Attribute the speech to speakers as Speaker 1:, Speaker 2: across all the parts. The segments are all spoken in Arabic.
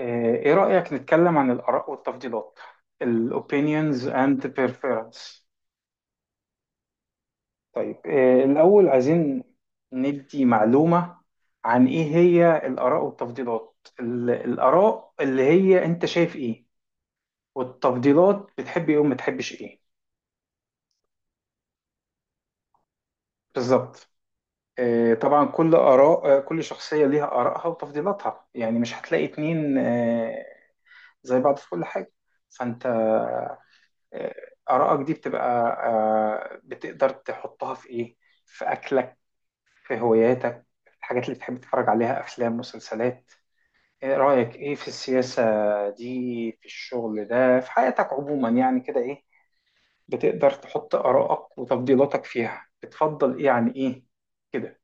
Speaker 1: ايه رأيك نتكلم عن الآراء والتفضيلات ال opinions and preference؟ طيب إيه الأول عايزين ندي معلومة عن ايه هي الآراء والتفضيلات، الآراء اللي هي انت شايف ايه، والتفضيلات بتحب ايه وما تحبش ايه. بالظبط. إيه طبعا، كل آراء آه، كل شخصية ليها آرائها وتفضيلاتها، يعني مش هتلاقي اتنين زي بعض في كل حاجة. فانت آه، آرائك دي بتبقى، بتقدر تحطها في إيه؟ في أكلك، في هواياتك، في الحاجات اللي بتحب تتفرج عليها، أفلام مسلسلات. إيه رأيك إيه في السياسة دي، في الشغل ده، في حياتك عموما، يعني كده إيه بتقدر تحط آرائك وتفضيلاتك فيها، بتفضل إيه عن إيه، كده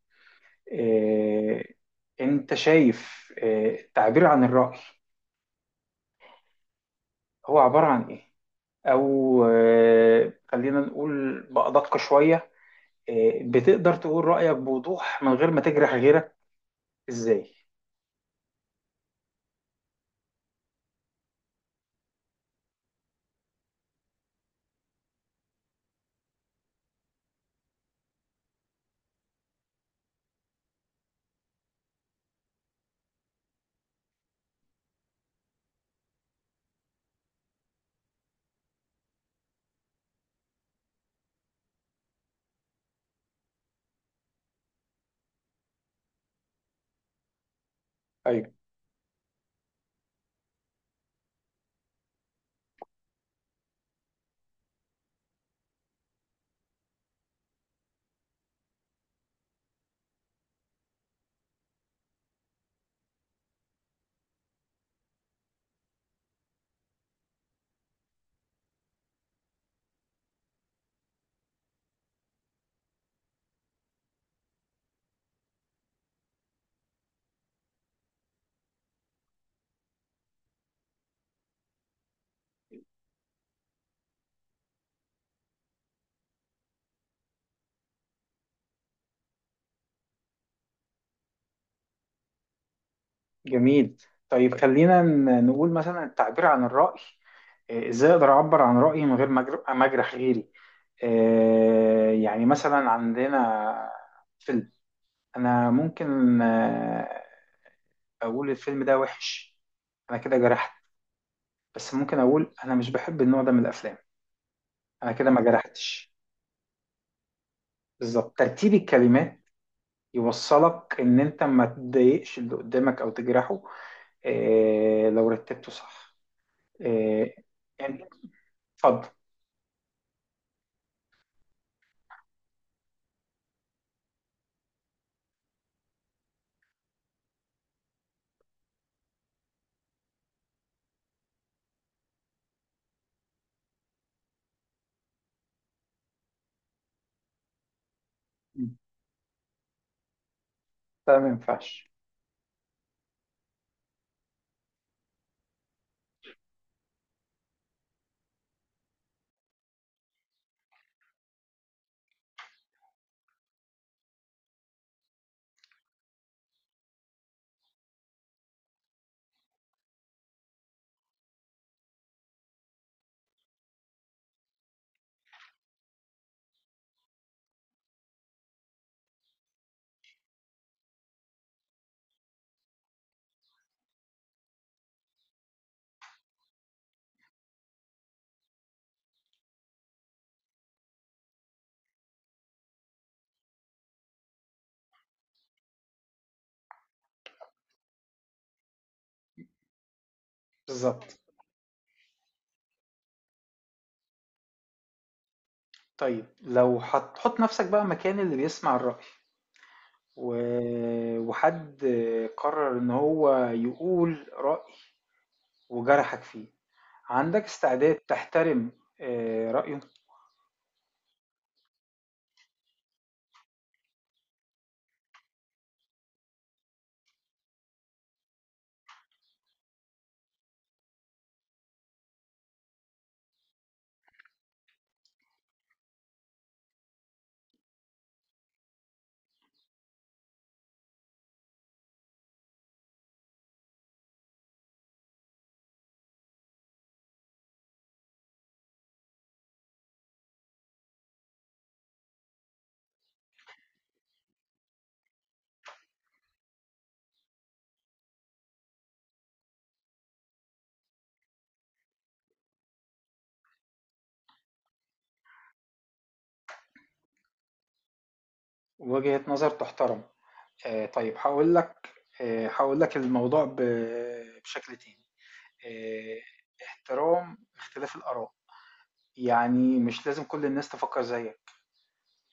Speaker 1: إيه. أنت شايف إيه التعبير عن الرأي، هو عبارة عن إيه؟ أو خلينا نقول بأدق شوية، بتقدر تقول رأيك بوضوح من غير ما تجرح غيرك؟ ازاي؟ طيب. جميل. طيب خلينا نقول مثلا التعبير عن الرأي، ازاي اقدر اعبر عن رأيي من غير ما اجرح غيري. يعني مثلا عندنا فيلم، انا ممكن اقول الفيلم ده وحش، انا كده جرحت. بس ممكن اقول انا مش بحب النوع ده من الافلام، انا كده ما جرحتش. بالظبط، ترتيب الكلمات يوصلك ان انت ما تضايقش اللي قدامك او تجرحه، إيه لو رتبته صح. إيه يعني، اتفضل. مم. ده ما ينفعش. بالظبط. طيب لو هتحط نفسك بقى مكان اللي بيسمع الرأي و... وحد قرر ان هو يقول رأي وجرحك فيه، عندك استعداد تحترم رأيه ووجهة نظر تحترم؟ طيب هقول لك، هقول لك الموضوع بشكل تاني. آآ، احترام اختلاف الآراء، يعني مش لازم كل الناس تفكّر زيّك،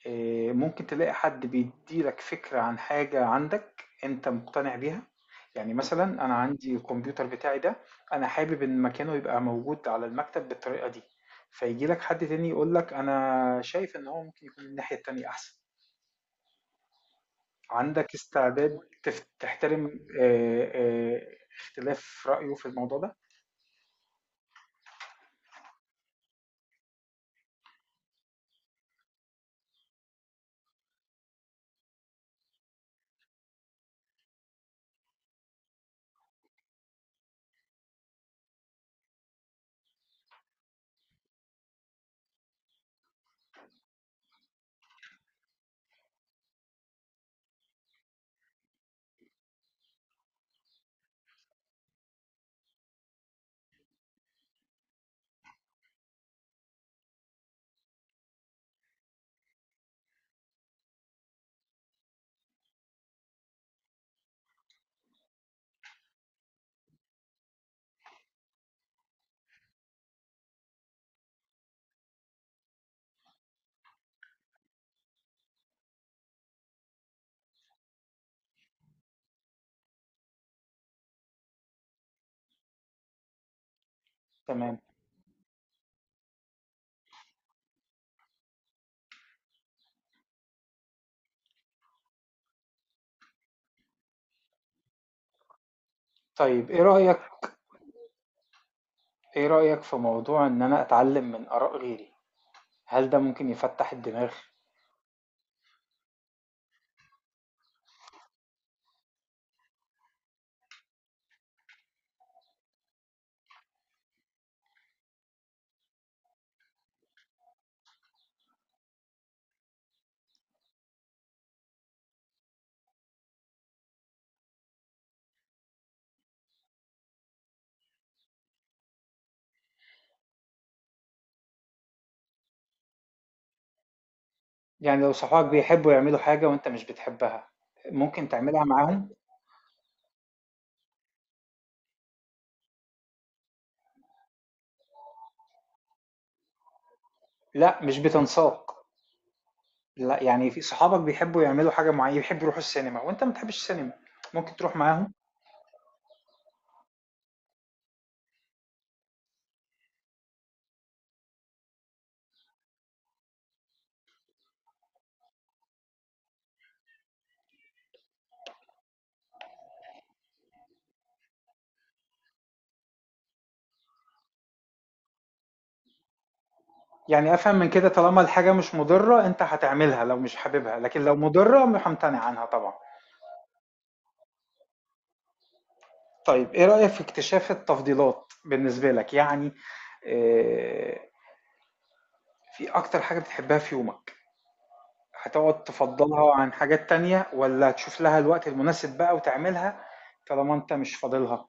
Speaker 1: ممكن تلاقي حد بيدّي لك فكرة عن حاجة عندك أنت مقتنع بيها. يعني مثلًا أنا عندي الكمبيوتر بتاعي ده، أنا حابب إن مكانه يبقى موجود على المكتب بالطريقة دي، فييجي لك حد تاني يقول لك أنا شايف إن هو ممكن يكون الناحية التانية أحسن، عندك استعداد تحترم اختلاف رأيه في الموضوع ده؟ تمام. طيب إيه رأيك ايه رأيك في موضوع ان انا اتعلم من آراء غيري، هل ده ممكن يفتح الدماغ؟ يعني لو صحابك بيحبوا يعملوا حاجة وانت مش بتحبها، ممكن تعملها معاهم؟ لا مش بتنساق. لا يعني في صحابك بيحبوا يعملوا حاجة معينة، يحبوا يروحوا السينما وانت ما بتحبش السينما، ممكن تروح معاهم؟ يعني افهم من كده، طالما الحاجة مش مضرة انت هتعملها لو مش حاببها، لكن لو مضرة همتنع عنها طبعا. طيب ايه رأيك في اكتشاف التفضيلات بالنسبة لك؟ يعني، آه، في اكتر حاجة بتحبها في يومك، هتقعد تفضلها عن حاجات تانية ولا تشوف لها الوقت المناسب بقى وتعملها طالما انت مش فاضلها؟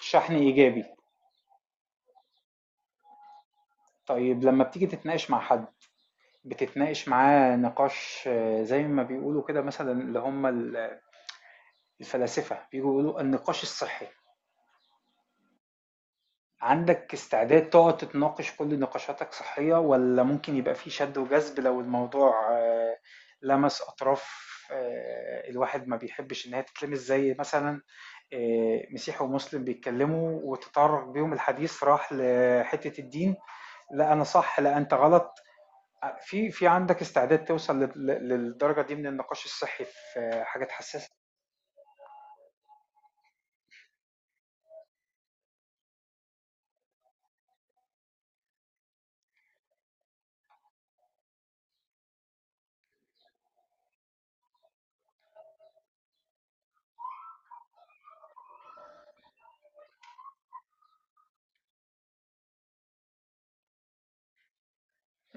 Speaker 1: شحن ايجابي. طيب لما بتيجي تتناقش مع حد، بتتناقش معاه نقاش زي ما بيقولوا كده مثلا، اللي هم الفلاسفة بيجوا يقولوا النقاش الصحي، عندك استعداد تقعد تتناقش كل نقاشاتك صحية ولا ممكن يبقى في شد وجذب لو الموضوع لمس أطراف الواحد ما بيحبش إن هي تتلمس؟ زي مثلا مسيحي ومسلم بيتكلموا وتطرق بيهم الحديث راح لحتة الدين، لا أنا صح لا أنت غلط، في عندك استعداد توصل للدرجة دي من النقاش الصحي في حاجات حساسة؟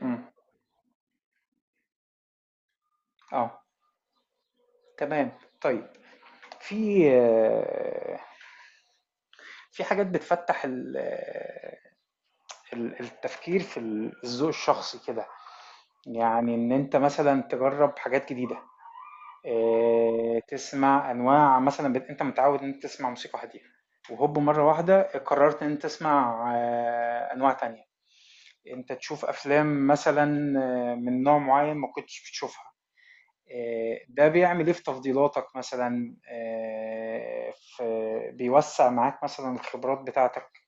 Speaker 1: امم. اه، تمام. طيب في في حاجات بتفتح التفكير في الذوق الشخصي كده، يعني ان انت مثلا تجرب حاجات جديده، تسمع انواع مثلا، انت متعود ان انت تسمع موسيقى هاديه وهوب مره واحده قررت ان انت تسمع انواع تانية، انت تشوف افلام مثلا من نوع معين ما كنتش بتشوفها، ده بيعمل ايه في تفضيلاتك مثلا؟ في بيوسع معاك مثلا الخبرات بتاعتك؟